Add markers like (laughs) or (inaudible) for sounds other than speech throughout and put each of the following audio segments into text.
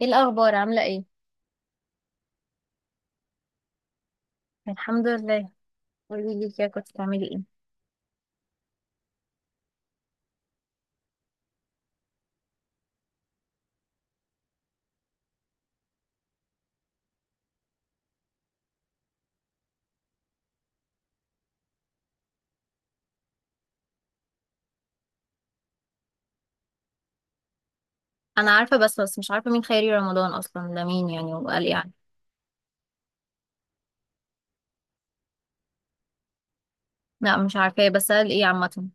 ايه الاخبار؟ عامله ايه؟ الحمد لله. قولي لي كده، كنت بتعملي ايه؟ انا عارفه، بس مش عارفه مين خيري رمضان اصلا، ده مين يعني؟ وقال ايه يعني؟ لا مش عارفاه، بس قال ايه عامه؟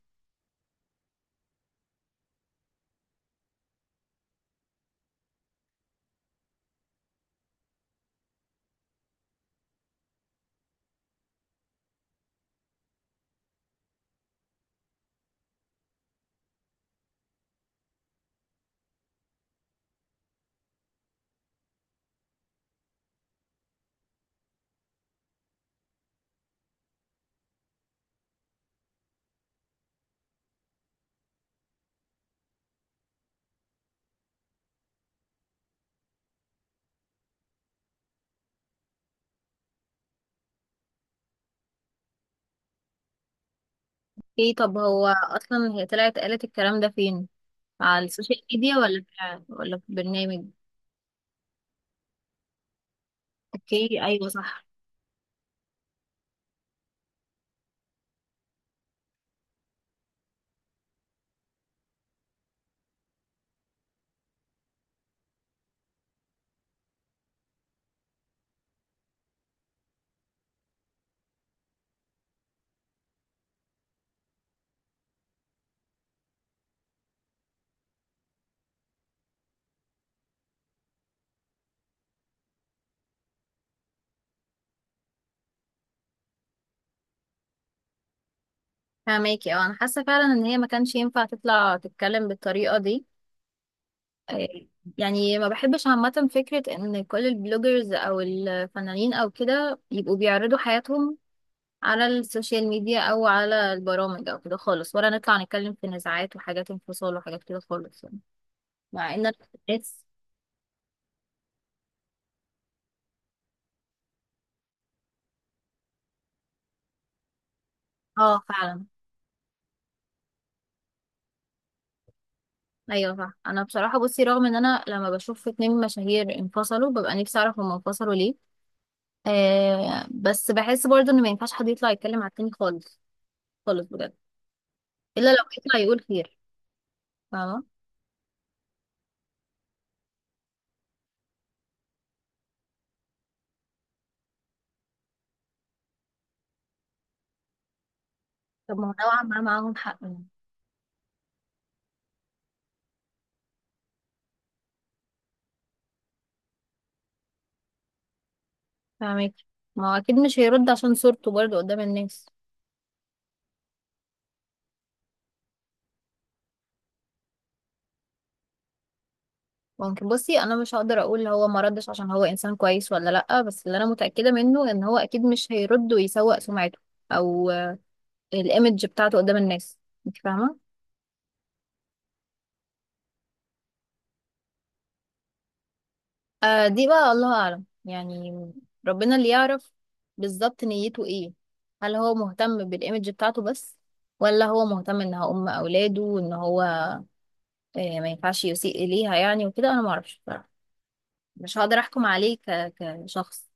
ايه؟ طب هو اصلا هي طلعت قالت الكلام ده فين؟ على السوشيال ميديا ولا في برنامج؟ اوكي ايوه صح. فهماكي؟ اه انا حاسه فعلا ان هي ما كانش ينفع تطلع تتكلم بالطريقه دي. إيه، يعني ما بحبش عامة فكرة ان كل البلوجرز او الفنانين او كده يبقوا بيعرضوا حياتهم على السوشيال ميديا او على البرامج او كده خالص، ولا نطلع نتكلم في نزاعات وحاجات انفصال وحاجات كده خالص يعني. مع ان الناس. اه فعلا. ايوه صح، انا بصراحه بصي رغم ان انا لما بشوف اتنين مشاهير انفصلوا ببقى نفسي اعرف هما انفصلوا ليه. آه بس بحس برضه ان ما ينفعش حد يطلع يتكلم على التاني خالص، خالص بجد. الا لو يطلع يقول خير. فاهمه؟ طب ما هو نوعا ما معاهم حق يعني. فاهمك. ما هو اكيد مش هيرد عشان صورته برضه قدام الناس. ممكن بصي، انا مش هقدر اقول هو ما ردش عشان هو انسان كويس ولا لا، بس اللي انا متاكده منه ان هو اكيد مش هيرد ويسوق سمعته او الايمج بتاعته قدام الناس. انت فاهمه؟ آه دي بقى الله اعلم يعني، ربنا اللي يعرف بالظبط نيته ايه. هل هو مهتم بالايمج بتاعته بس، ولا هو مهتم ان هو ام اولاده وان هو آه ما ينفعش يسيء اليها يعني وكده. انا ما اعرفش بصراحه، مش هقدر احكم عليه كشخص.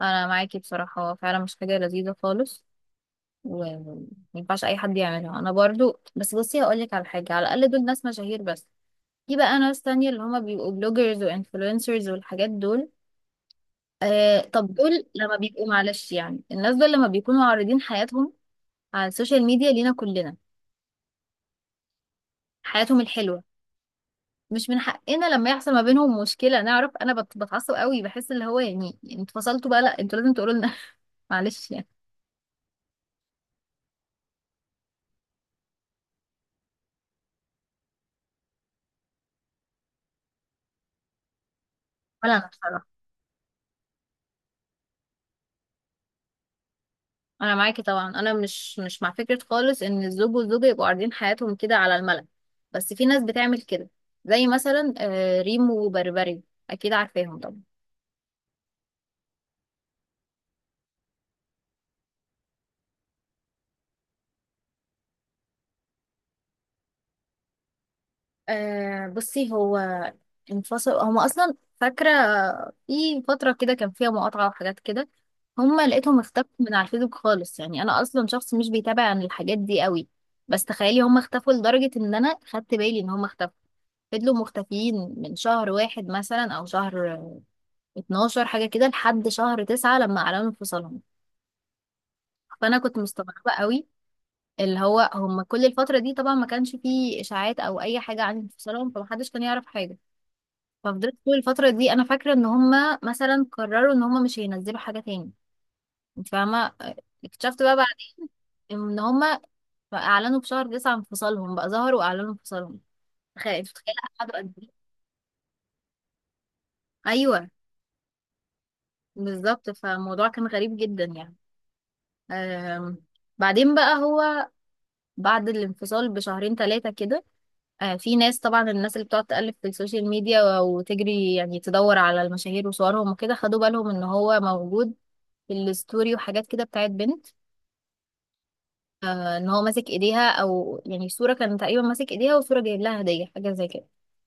انا معاكي بصراحه، هو فعلا مش حاجه لذيذه خالص، وما ينفعش اي حد يعملها. انا برضو بس بصي هقول لك على حاجه، على الاقل دول ناس مشاهير، بس في بقى ناس تانية اللي هما بيبقوا بلوجرز وانفلونسرز والحاجات دول. آه طب دول لما بيبقوا معلش يعني، الناس دول لما بيكونوا عارضين حياتهم على السوشيال ميديا لينا كلنا، حياتهم الحلوه، مش من حقنا لما يحصل ما بينهم مشكله نعرف. انا بتعصب قوي، بحس اللي هو يعني انتوا فصلتوا بقى، لا انتوا لازم تقولوا لنا (laughs) معلش يعني. ولا انا بصراحه، انا معاكي طبعا، انا مش مع فكره خالص ان الزوج والزوجه يبقوا عارضين حياتهم كده على الملأ، بس في ناس بتعمل كده. زي مثلا آه، ريمو وبربري، اكيد عارفاهم طبعا. آه بصي، هو انفصل هما اصلا، فاكره في فتره كده كان فيها مقاطعه وحاجات كده. هما لقيتهم اختفوا من على الفيسبوك خالص، يعني انا اصلا شخص مش بيتابع عن الحاجات دي قوي، بس تخيلي هما اختفوا لدرجه ان انا خدت بالي ان هما اختفوا. فضلوا مختفيين من شهر واحد مثلا او شهر 12 حاجة كده لحد شهر تسعة لما أعلنوا انفصالهم. فأنا كنت مستغربة قوي، اللي هو هم كل الفترة دي طبعا ما كانش فيه إشاعات أو أي حاجة عن انفصالهم، فمحدش كان يعرف حاجة. ففضلت طول الفترة دي أنا فاكرة إن هم مثلا قرروا إن هم مش هينزلوا حاجة تاني. أنت فاهمة؟ اكتشفت بقى بعد إن هم أعلنوا في شهر تسعة انفصالهم، بقى ظهروا وأعلنوا انفصالهم. تخيل تخيل. قعدوا قد إيه؟ أيوه بالظبط، فالموضوع كان غريب جدا يعني. أم. بعدين بقى هو بعد الانفصال بشهرين ثلاثة كده، آه، في ناس طبعا، الناس اللي بتقعد تألف في السوشيال ميديا وتجري يعني تدور على المشاهير وصورهم وكده خدوا بالهم ان هو موجود في الستوري وحاجات كده بتاعت بنت. آه، ان هو ماسك ايديها او يعني صورة كان تقريبا ماسك ايديها وصورة جايب لها هدية حاجة زي كده.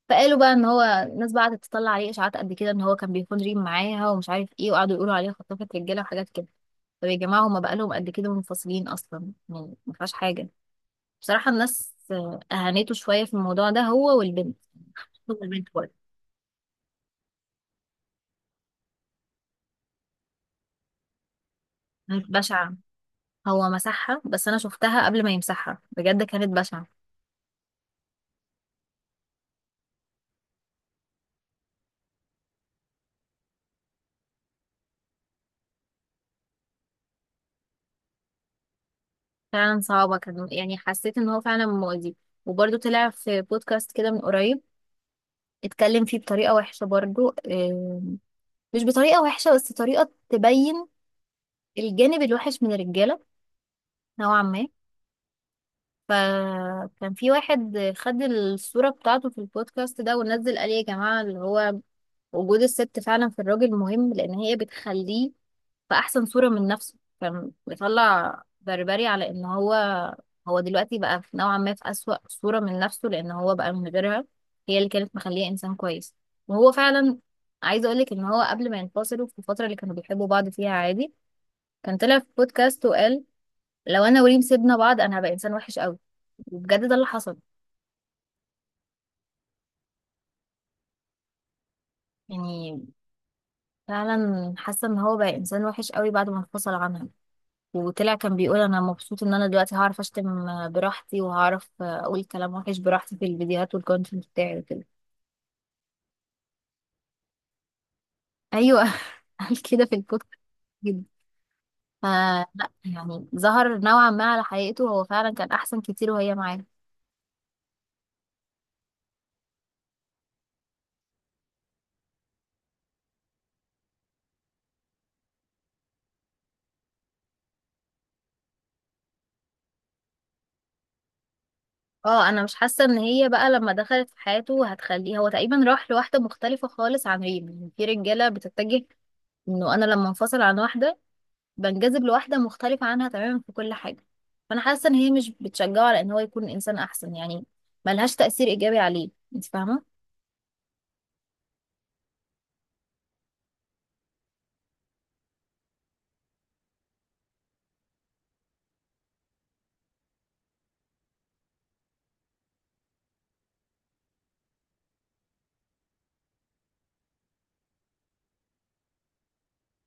فقالوا بقى ان هو، الناس بقى قعدت تطلع عليه اشاعات قد كده ان هو كان بيكون ريم معاها ومش عارف ايه، وقعدوا يقولوا عليها خطافة رجالة وحاجات كده. طب يا جماعة هما بقالهم قد كده منفصلين اصلا، يعني ما فيهاش حاجة. بصراحة الناس آه، أهانته شوية في الموضوع ده، هو والبنت، هو والبنت برضه. كانت بشعة، هو مسحها بس أنا شفتها قبل ما يمسحها، بجد كانت بشعة. فعلا صعبة كان، يعني حسيت إن هو فعلا مؤذي. وبرضه طلع في بودكاست كده من قريب، اتكلم فيه بطريقة وحشة برضه آه، مش بطريقة وحشة بس طريقة تبين الجانب الوحش من الرجالة نوعا ما. فكان في واحد خد الصورة بتاعته في البودكاست ده ونزل قال إيه يا جماعة، اللي هو وجود الست فعلا في الراجل مهم لان هي بتخليه في احسن صورة من نفسه. فبيطلع بربري على ان هو، هو دلوقتي بقى في نوعا ما في اسوأ صورة من نفسه لان هو بقى من غيرها، هي اللي كانت مخليه انسان كويس. وهو فعلا، عايزه اقولك ان هو قبل ما ينفصلوا في الفترة اللي كانوا بيحبوا بعض فيها عادي، كان طلع في بودكاست وقال لو انا وريم سيبنا بعض انا هبقى انسان وحش قوي. وبجد ده اللي حصل يعني، فعلا حاسه ان هو بقى انسان وحش قوي بعد ما انفصل عنها. وطلع كان بيقول انا مبسوط ان انا دلوقتي هعرف اشتم براحتي وهعرف اقول كلام وحش براحتي في الفيديوهات والكونتنت بتاعي وكده. ايوه (laughs) قال كده في البودكاست، جدا. فلا، يعني ظهر نوعا ما على حقيقته، هو فعلا كان احسن كتير وهي معاه. اه انا مش حاسه ان هي بقى لما دخلت في حياته هتخليه، هو تقريبا راح لواحده مختلفه خالص عن ريم، يعني في رجاله بتتجه انه انا لما انفصل عن واحده بنجذب لواحدة مختلفة عنها تماما في كل حاجة. فأنا حاسة إن هي مش بتشجعه على إن هو يكون إنسان أحسن يعني، ملهاش تأثير إيجابي عليه. أنت فاهمة؟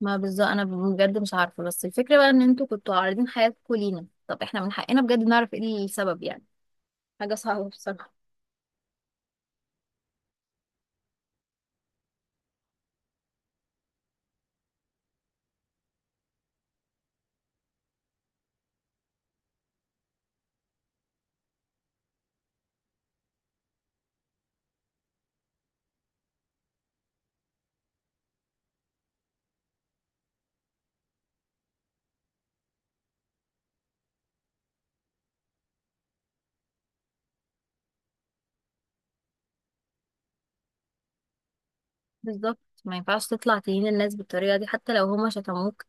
ما بالظبط، أنا بجد مش عارفة، بس الفكرة بقى إن أنتوا كنتوا عارضين حياتكوا لينا، طب إحنا من حقنا بجد نعرف إيه السبب يعني. حاجة صعبة بصراحة. بالظبط، ما ينفعش تطلع تهين الناس بالطريقة دي حتى لو هما شتموك،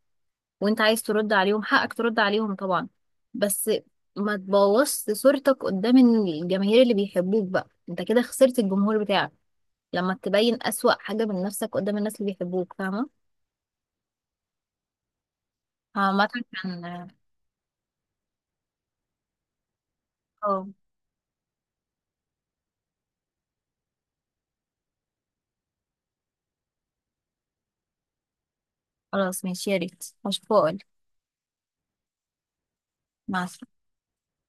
وأنت عايز ترد عليهم حقك ترد عليهم طبعا، بس ما تبوظش صورتك قدام الجماهير اللي بيحبوك، بقى أنت كده خسرت الجمهور بتاعك لما تبين أسوأ حاجة من نفسك قدام الناس اللي بيحبوك. فاهمة؟ عامة كان اه خلاص ماشي، يا ريت هشوفه وأقولك. مع السلامة.